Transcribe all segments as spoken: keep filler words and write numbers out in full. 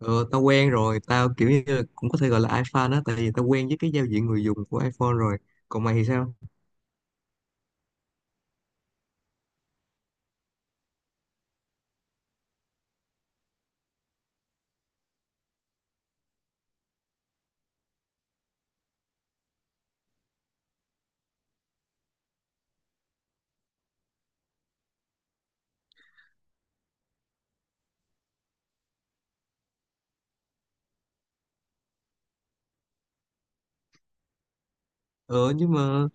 Ờ, tao quen rồi, tao kiểu như là cũng có thể gọi là iFan á, tại vì tao quen với cái giao diện người dùng của iPhone rồi. Còn mày thì sao? Ờ, nhưng mà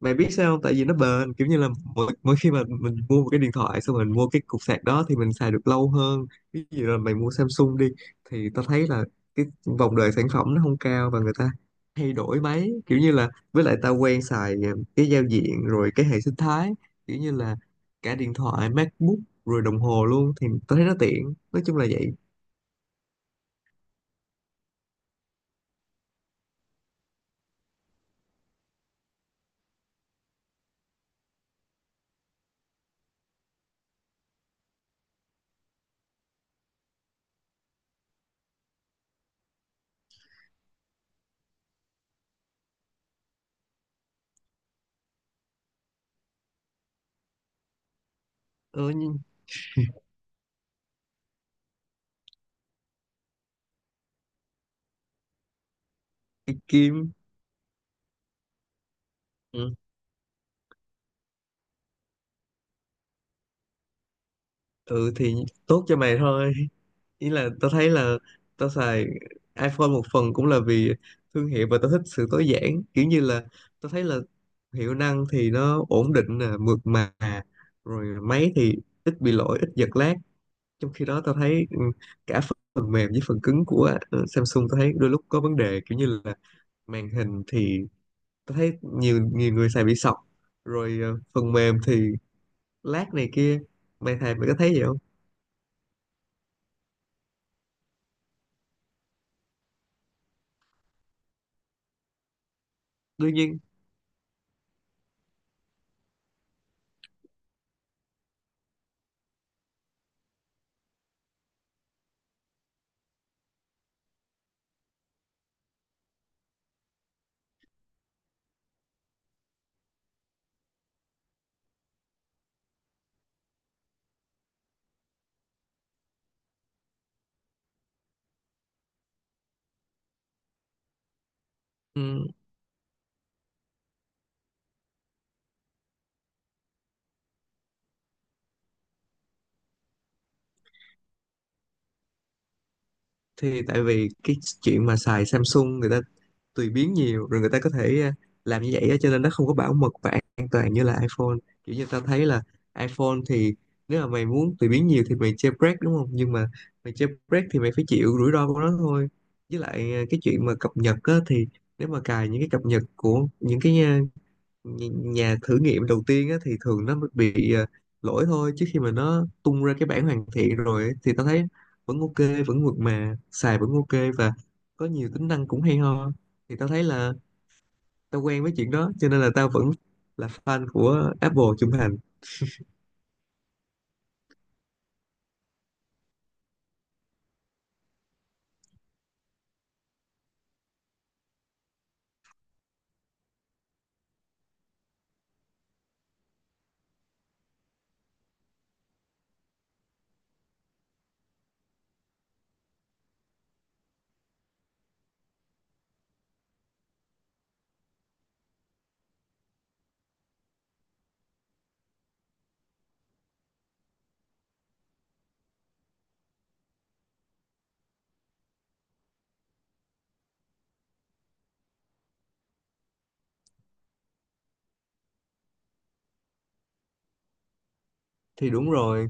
mày biết sao không? Tại vì nó bền, kiểu như là mỗi, mỗi khi mà mình mua một cái điện thoại, xong mình mua cái cục sạc đó thì mình xài được lâu hơn. Ví dụ là mày mua Samsung đi, thì tao thấy là cái vòng đời sản phẩm nó không cao và người ta thay đổi máy. Kiểu như là, với lại tao quen xài ờ, cái giao diện rồi cái hệ sinh thái, kiểu như là cả điện thoại, MacBook rồi đồng hồ luôn thì tao thấy nó tiện. Nói chung là vậy. Ừ nhưng cái kim. Ừ. Ừ thì tốt cho mày thôi, ý là tao thấy là tao xài iPhone một phần cũng là vì thương hiệu và tao thích sự tối giản, kiểu như là tao thấy là hiệu năng thì nó ổn định nè, mượt mà, rồi máy thì ít bị lỗi, ít giật lag. Trong khi đó tao thấy ừ, cả phần mềm với phần cứng của ừ, Samsung tao thấy đôi lúc có vấn đề, kiểu như là màn hình thì tao thấy nhiều nhiều người xài bị sọc, rồi ờ, phần mềm thì lát này kia. Mày thầy mày có thấy vậy không? Đương nhiên. Ừ, thì tại vì cái chuyện mà xài Samsung người ta tùy biến nhiều, rồi người ta có thể ờ, làm như vậy á, cho nên nó không có bảo mật và an toàn như là iPhone. Kiểu như tao thấy là iPhone thì nếu mà mày muốn tùy biến nhiều thì mày jailbreak đúng không, nhưng mà mày jailbreak thì mày phải chịu rủi ro của nó thôi. Với lại ờ, cái chuyện mà cập nhật á, thì nếu mà cài những cái cập nhật của những cái ờ, Nh- nhà thử nghiệm đầu tiên á, thì thường nó bị à, lỗi thôi, chứ khi mà nó tung ra cái bản hoàn thiện rồi ấy, thì tao thấy vẫn ok, vẫn mượt mà, xài vẫn ok và có nhiều tính năng cũng hay ho. Thì tao thấy là tao quen với chuyện đó cho nên là tao vẫn là fan của Apple trung thành. Thì đúng rồi.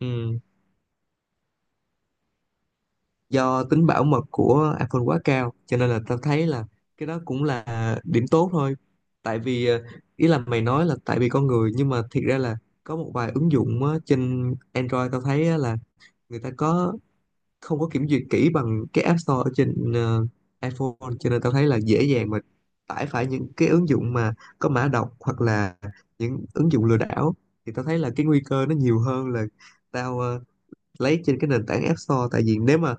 Ừ, do tính bảo mật của iPhone quá cao cho nên là tao thấy là cái đó cũng là điểm tốt thôi. Tại vì ờ, ý là mày nói là tại vì con người, nhưng mà thiệt ra là có một vài ứng dụng á, trên Android tao thấy á, là người ta có không có kiểm duyệt kỹ bằng cái App Store ở trên ờ, iPhone, cho nên tao thấy là dễ dàng mà tải phải những cái ứng dụng mà có mã độc hoặc là những ứng dụng lừa đảo. Thì tao thấy là cái nguy cơ nó nhiều hơn là tao ờ, lấy trên cái nền tảng App Store. Tại vì nếu mà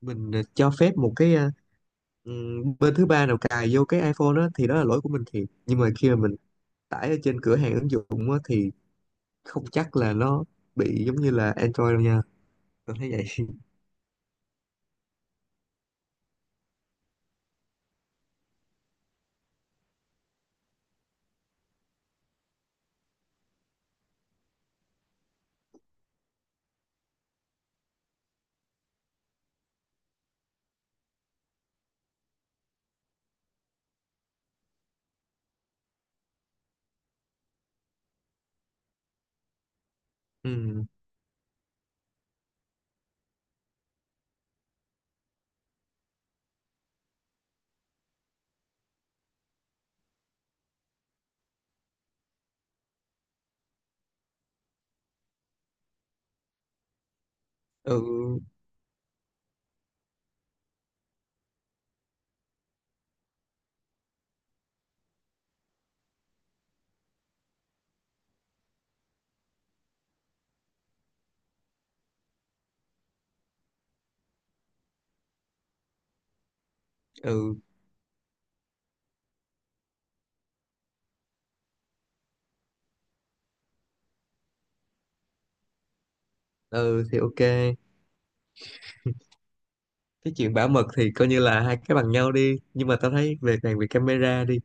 mình ờ, cho phép một cái ờ, ừm, bên thứ ba nào cài vô cái iPhone đó thì đó là lỗi của mình thiệt, nhưng mà khi mà mình tải ở trên cửa hàng ứng dụng á, thì không chắc là nó bị giống như là Android đâu nha. Tôi thấy vậy. Ừm, ừ ừ ừ thì ok. Cái chuyện bảo mật thì coi như là hai cái bằng nhau đi, nhưng mà tao thấy về càng về camera đi,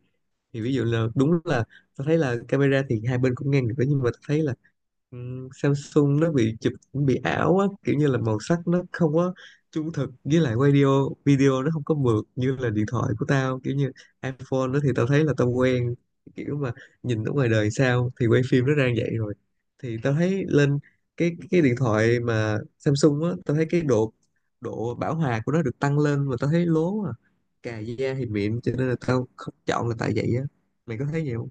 thì ví dụ là đúng là tao thấy là camera thì hai bên cũng ngang được đó, nhưng mà tao thấy là Ừ, Samsung nó bị chụp cũng bị ảo á, kiểu như là màu sắc nó không có trung thực, với lại video video nó không có mượt như là điện thoại của tao, kiểu như iPhone đó. Thì tao thấy là tao quen kiểu mà nhìn ở ngoài đời sao thì quay phim nó ra vậy rồi. Thì tao thấy lên cái cái điện thoại mà Samsung á, tao thấy cái độ độ bảo hòa của nó được tăng lên mà tao thấy lố à, cà da thì mịn cho nên là tao không chọn là tại vậy á. Mày có thấy vậy không?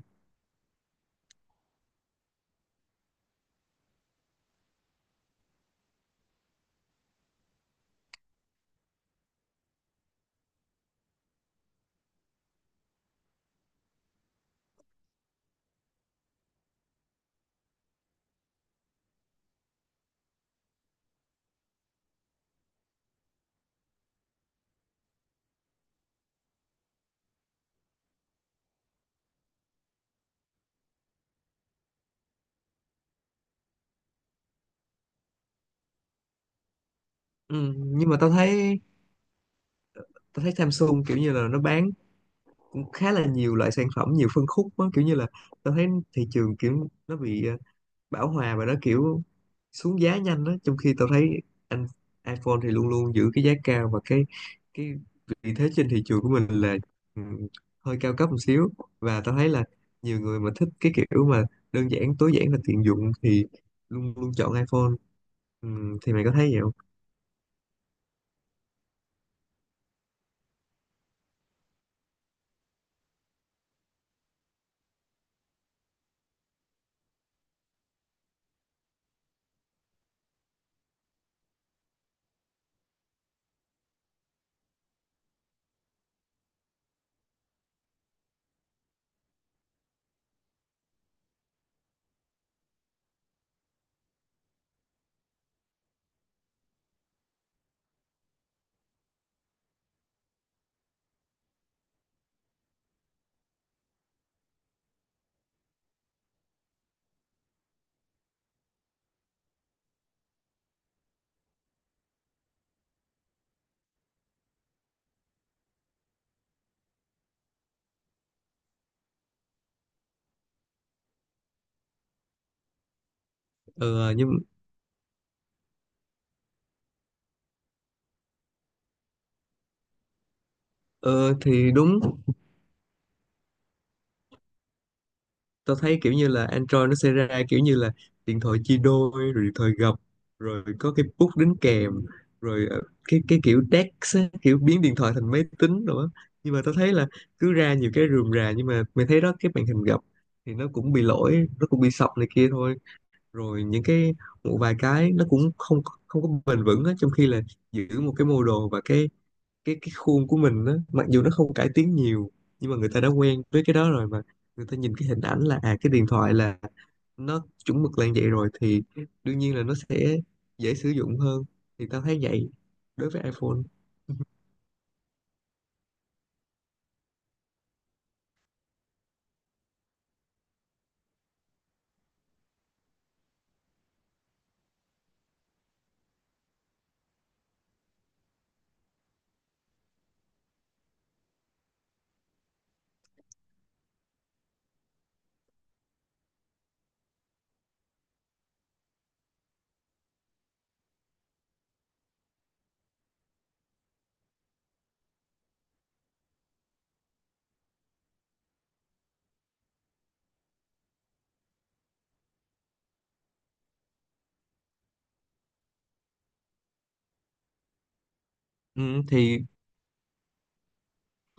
Ừ, nhưng mà tao thấy tao thấy Samsung kiểu như là nó bán cũng khá là nhiều loại sản phẩm, nhiều phân khúc đó. Kiểu như là tôi thấy thị trường kiểu nó bị ờ, bão hòa và nó kiểu xuống giá nhanh đó, trong khi tôi thấy anh iPhone thì luôn luôn giữ cái giá cao và cái cái vị thế trên thị trường của mình là ừ, hơi cao cấp một xíu. Và tôi thấy là nhiều người mà thích cái kiểu mà đơn giản, tối giản và tiện dụng thì luôn luôn chọn iPhone. Ừ, thì mày có thấy vậy không? Ờ nhưng ờ thì đúng, tao thấy kiểu như là Android nó sẽ ra kiểu như là điện thoại chia đôi, rồi điện thoại gập, rồi có cái bút đính kèm, rồi ờ, cái cái kiểu DeX á, kiểu biến điện thoại thành máy tính rồi á. Nhưng mà tao thấy là cứ ra nhiều cái rườm rà, nhưng mà mày thấy đó cái màn hình gập thì nó cũng bị lỗi, nó cũng bị sập này kia thôi. Rồi những cái một vài cái nó cũng không không có bền vững á, trong khi là giữ một cái model và cái cái cái khuôn của mình á, mặc dù nó không cải tiến nhiều nhưng mà người ta đã quen với cái đó rồi mà. Người ta nhìn cái hình ảnh là à cái điện thoại là nó chuẩn mực là như vậy rồi, thì đương nhiên là nó sẽ dễ sử dụng hơn. Thì tao thấy vậy đối với iPhone. Ừ, thì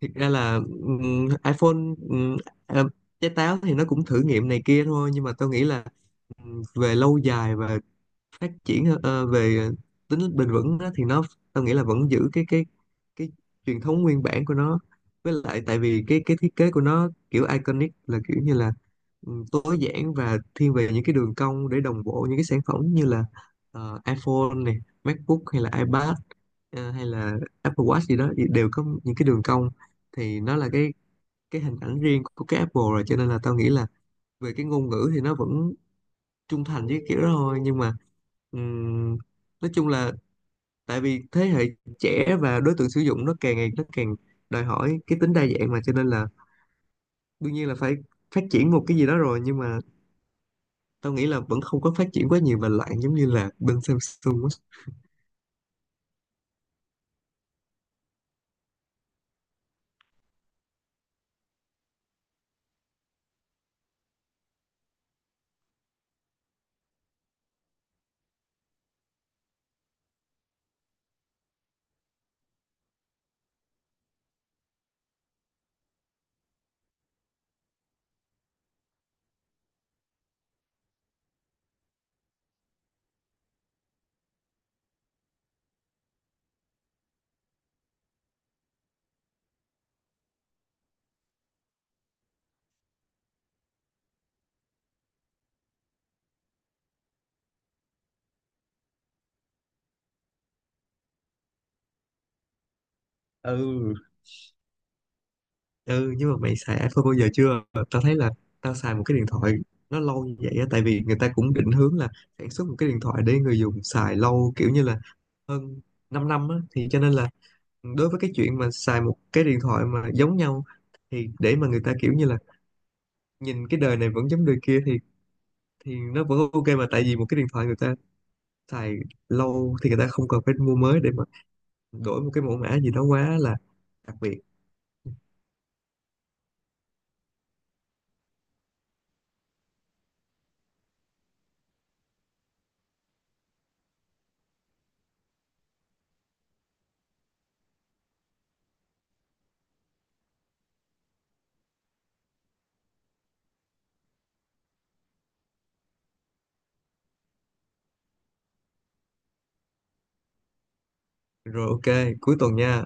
thiệt ra là ừm, iPhone ừm, à, trái táo thì nó cũng thử nghiệm này kia thôi, nhưng mà tao nghĩ là ừm, về lâu dài và phát triển ờ, ờ, về ờ, tính bền vững đó, thì nó tao nghĩ là vẫn giữ cái cái cái truyền thống nguyên bản của nó. Với lại tại vì cái cái thiết kế của nó kiểu iconic, là kiểu như là ừ, tối giản và thiên về những cái đường cong để đồng bộ những cái sản phẩm như là ờ, iPhone này, MacBook hay là iPad, ờ, hay là Apple Watch gì đó thì đều có những cái đường cong. Thì nó là cái cái hình ảnh riêng của cái Apple rồi, cho nên là tao nghĩ là về cái ngôn ngữ thì nó vẫn trung thành với kiểu đó thôi. Nhưng mà ừm, nói chung là tại vì thế hệ trẻ và đối tượng sử dụng nó càng ngày nó càng đòi hỏi cái tính đa dạng mà, cho nên là đương nhiên là phải phát triển một cái gì đó rồi. Nhưng mà tao nghĩ là vẫn không có phát triển quá nhiều và lại giống như là bên Samsung á. Ừ. Ừ nhưng mà mày xài iPhone bao giờ chưa? Tao thấy là tao xài một cái điện thoại nó lâu như vậy á, tại vì người ta cũng định hướng là sản xuất một cái điện thoại để người dùng xài lâu, kiểu như là hơn 5 năm á, thì cho nên là đối với cái chuyện mà xài một cái điện thoại mà giống nhau, thì để mà người ta kiểu như là nhìn cái đời này vẫn giống đời kia, thì thì nó vẫn ok mà, tại vì một cái điện thoại người ta xài lâu thì người ta không cần phải mua mới để mà đổi một cái mẫu mã gì đó quá là đặc biệt. Rồi ok, cuối tuần nha.